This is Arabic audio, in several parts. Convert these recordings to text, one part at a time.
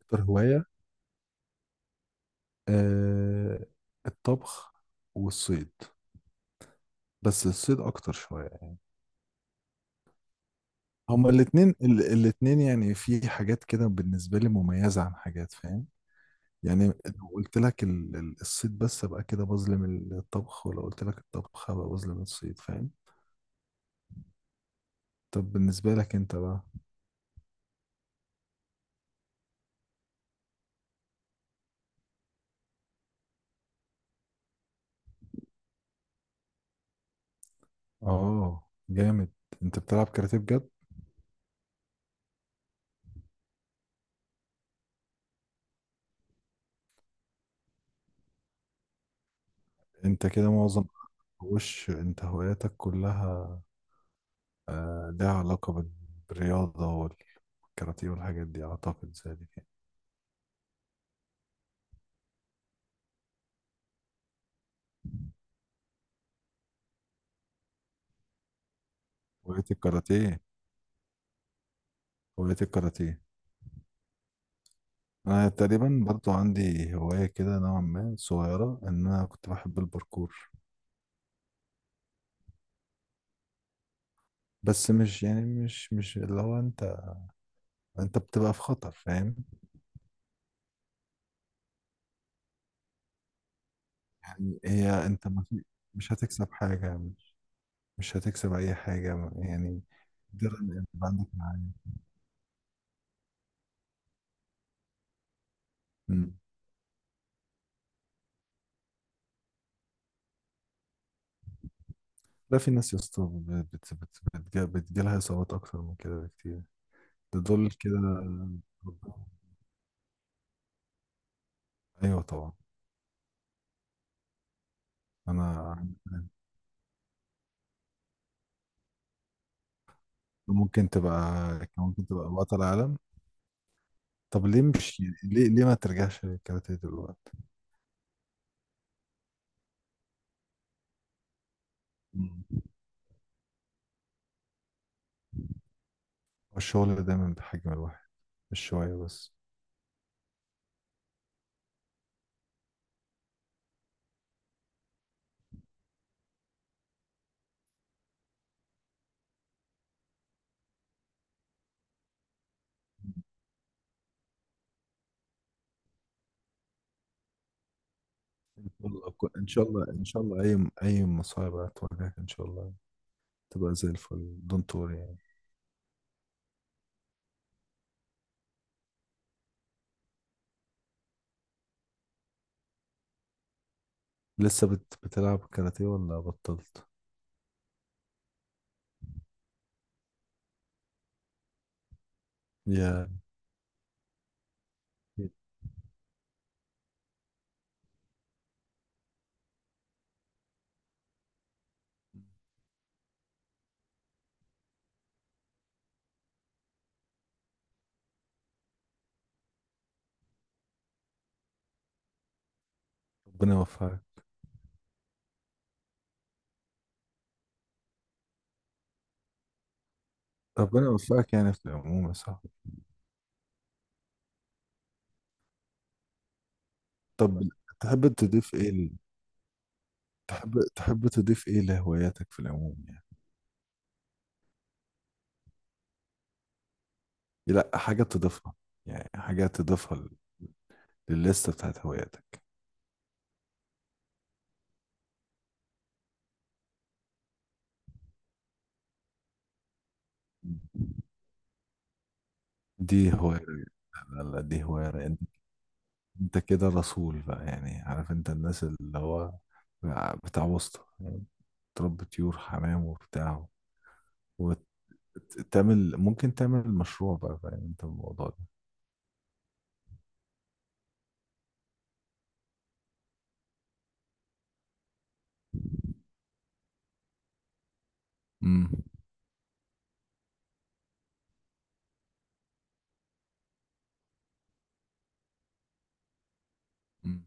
أكتر هواية، آه، الطبخ والصيد، بس الصيد أكتر شوية. هما الاتنين الاتنين يعني في حاجات كده بالنسبة لي مميزة عن حاجات، فاهم يعني؟ لو قلت لك الصيد بس أبقى كده بظلم الطبخ، ولو قلت لك الطبخ أبقى بظلم الصيد، فاهم؟ طب بالنسبة لك أنت بقى؟ آه جامد، أنت بتلعب كاراتيه بجد؟ أنت كده معظم وش أنت هواياتك كلها لها علاقة بالرياضة والكاراتيه والحاجات دي، أعتقد زي دي. هواية الكاراتيه. هواية الكاراتيه، أنا تقريبا برضو عندي هواية كده نوعا ما صغيرة، إن أنا كنت بحب الباركور. بس مش يعني، مش اللي هو أنت، أنت بتبقى في خطر، فاهم؟ يعني هي أنت ما في، مش هتكسب حاجة، مش هتكسب أي حاجة يعني، مجرد إن أنت يبقى عندك معايا. لا في ناس يا اسطى بتجيلها إصابات أكتر من كده بكتير. ده دول كده. أيوه طبعا. أنا ممكن تبقى، ممكن تبقى بطل عالم. طب ليه مش يعني، ليه ما ترجعش للكاراتيه دلوقتي؟ مم. والشغل دايما بحجم الواحد، مش شوية بس. والله إن شاء الله، إن شاء الله أي مصايب هتواجهك إن شاء الله تبقى زي الفل، دونت وري يعني. بتلعب كاراتيه ولا بطلت؟ يا ربنا يوفقك. ربنا يوفقك يعني في العموم يا صاحبي. طب تحب تضيف إيه تحب، تضيف إيه لهواياتك في العموم يعني؟ لا حاجة تضيفها، يعني حاجة تضيفها للليستة بتاعت هواياتك. دي هواية، لا لا دي هواية انت، انت كده رسول بقى يعني، عارف انت الناس اللي هو بتاع وسط يعني، تربي طيور حمام وبتاع، وتعمل، ممكن تعمل مشروع بقى، فاهم انت الموضوع ده؟ مم. مم.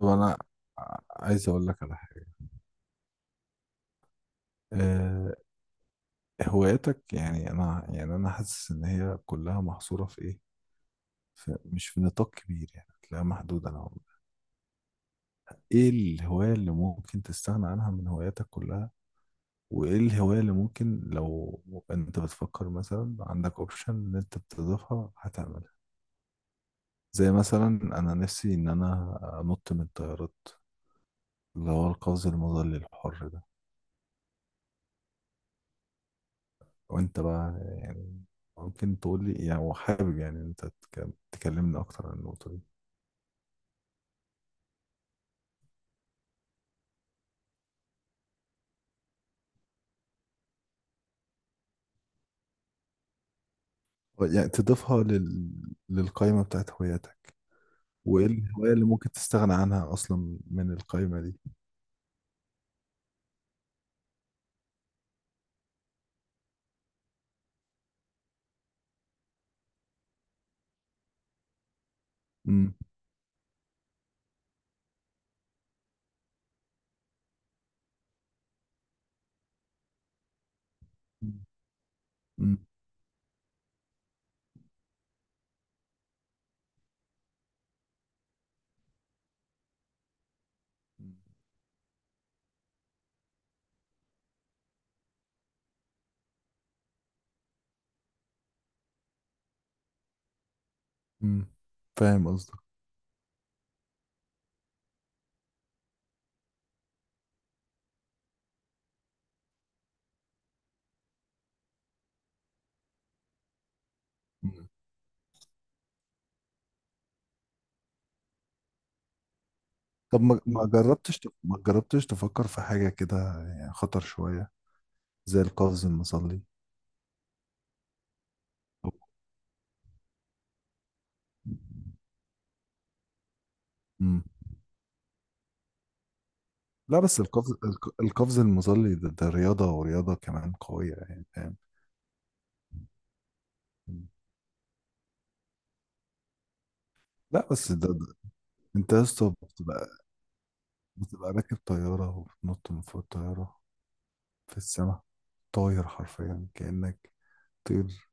طب انا عايز اقول لك على حاجه. أه، هواياتك يعني، انا حاسس ان هي كلها محصوره في ايه، في، مش في نطاق كبير يعني، هتلاقيها محدودة نوعا ما. ايه الهواية اللي ممكن تستغنى عنها من هواياتك كلها؟ وايه الهواية اللي ممكن، لو انت بتفكر مثلا عندك اوبشن ان انت بتضيفها هتعملها؟ زي مثلا، انا نفسي ان انا انط من الطيارات، اللي هو القفز المظلي الحر ده. وانت بقى يعني ممكن تقول لي يعني، وحابب يعني انت تكلمني اكتر عن النقطة دي. يعني تضيفها للقائمة بتاعت هواياتك، وايه الهواية اللي ممكن تستغنى عنها اصلا من القائمة دي. امم. امم. امم، فاهم قصدك. مم. طب ما ما جربتش تفكر في حاجة كده، يعني خطر شوية، زي القفز المظلي؟ أو- مم. لا بس القفز المظلي ده, ده رياضة، ورياضة كمان قوية يعني، فاهم؟ مم. لا بس ده، انت يا اسطى بتبقى راكب طيارة وبتنط من فوق الطيارة في السماء، طاير حرفيا كأنك طير،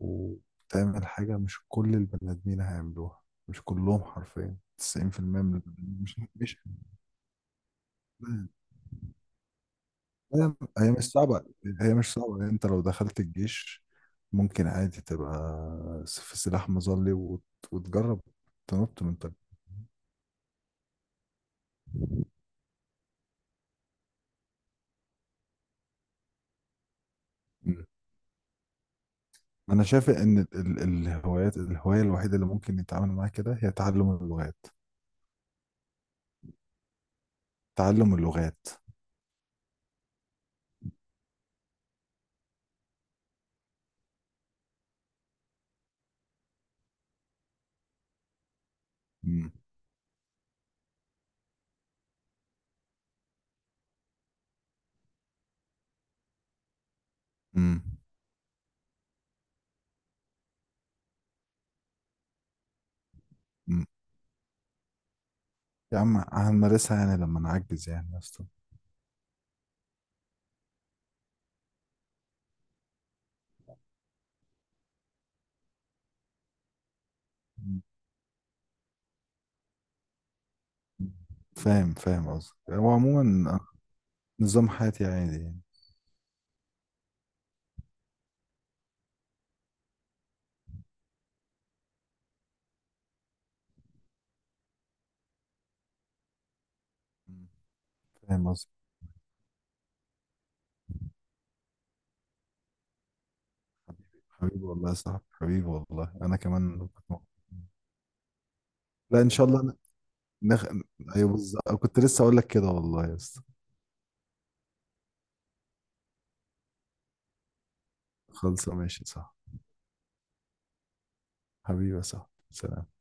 وتعمل حاجة مش كل البني آدمين هيعملوها، مش كلهم، حرفيا 90% من البني آدمين مش هيعملوها. هي مش صعبة، هي مش صعبة يعني. انت لو دخلت الجيش ممكن عادي تبقى في سلاح مظلي وتجرب تنط مم. انا شايف ان ال- ال- الهوايات الهوايه الوحيده اللي ممكن يتعامل معاها كده هي تعلم اللغات. تعلم اللغات. مم. مم. مم. يا عم هنمارسها يعني لما نعجز يعني يا اسطى. مم. فاهم، فاهم قصدك، هو عموما نظام حياتي عادي يعني. مم. فاهم قصدك. حبيبي والله يا صاحبي، حبيبي والله انا كمان كنت مبسوط. لا ان شاء الله. نخ... ايوه بالظبط، كنت لسه اقول لك كده والله يا اسطى. خلصه، ماشي، صح. حبيبي، صح، سلام.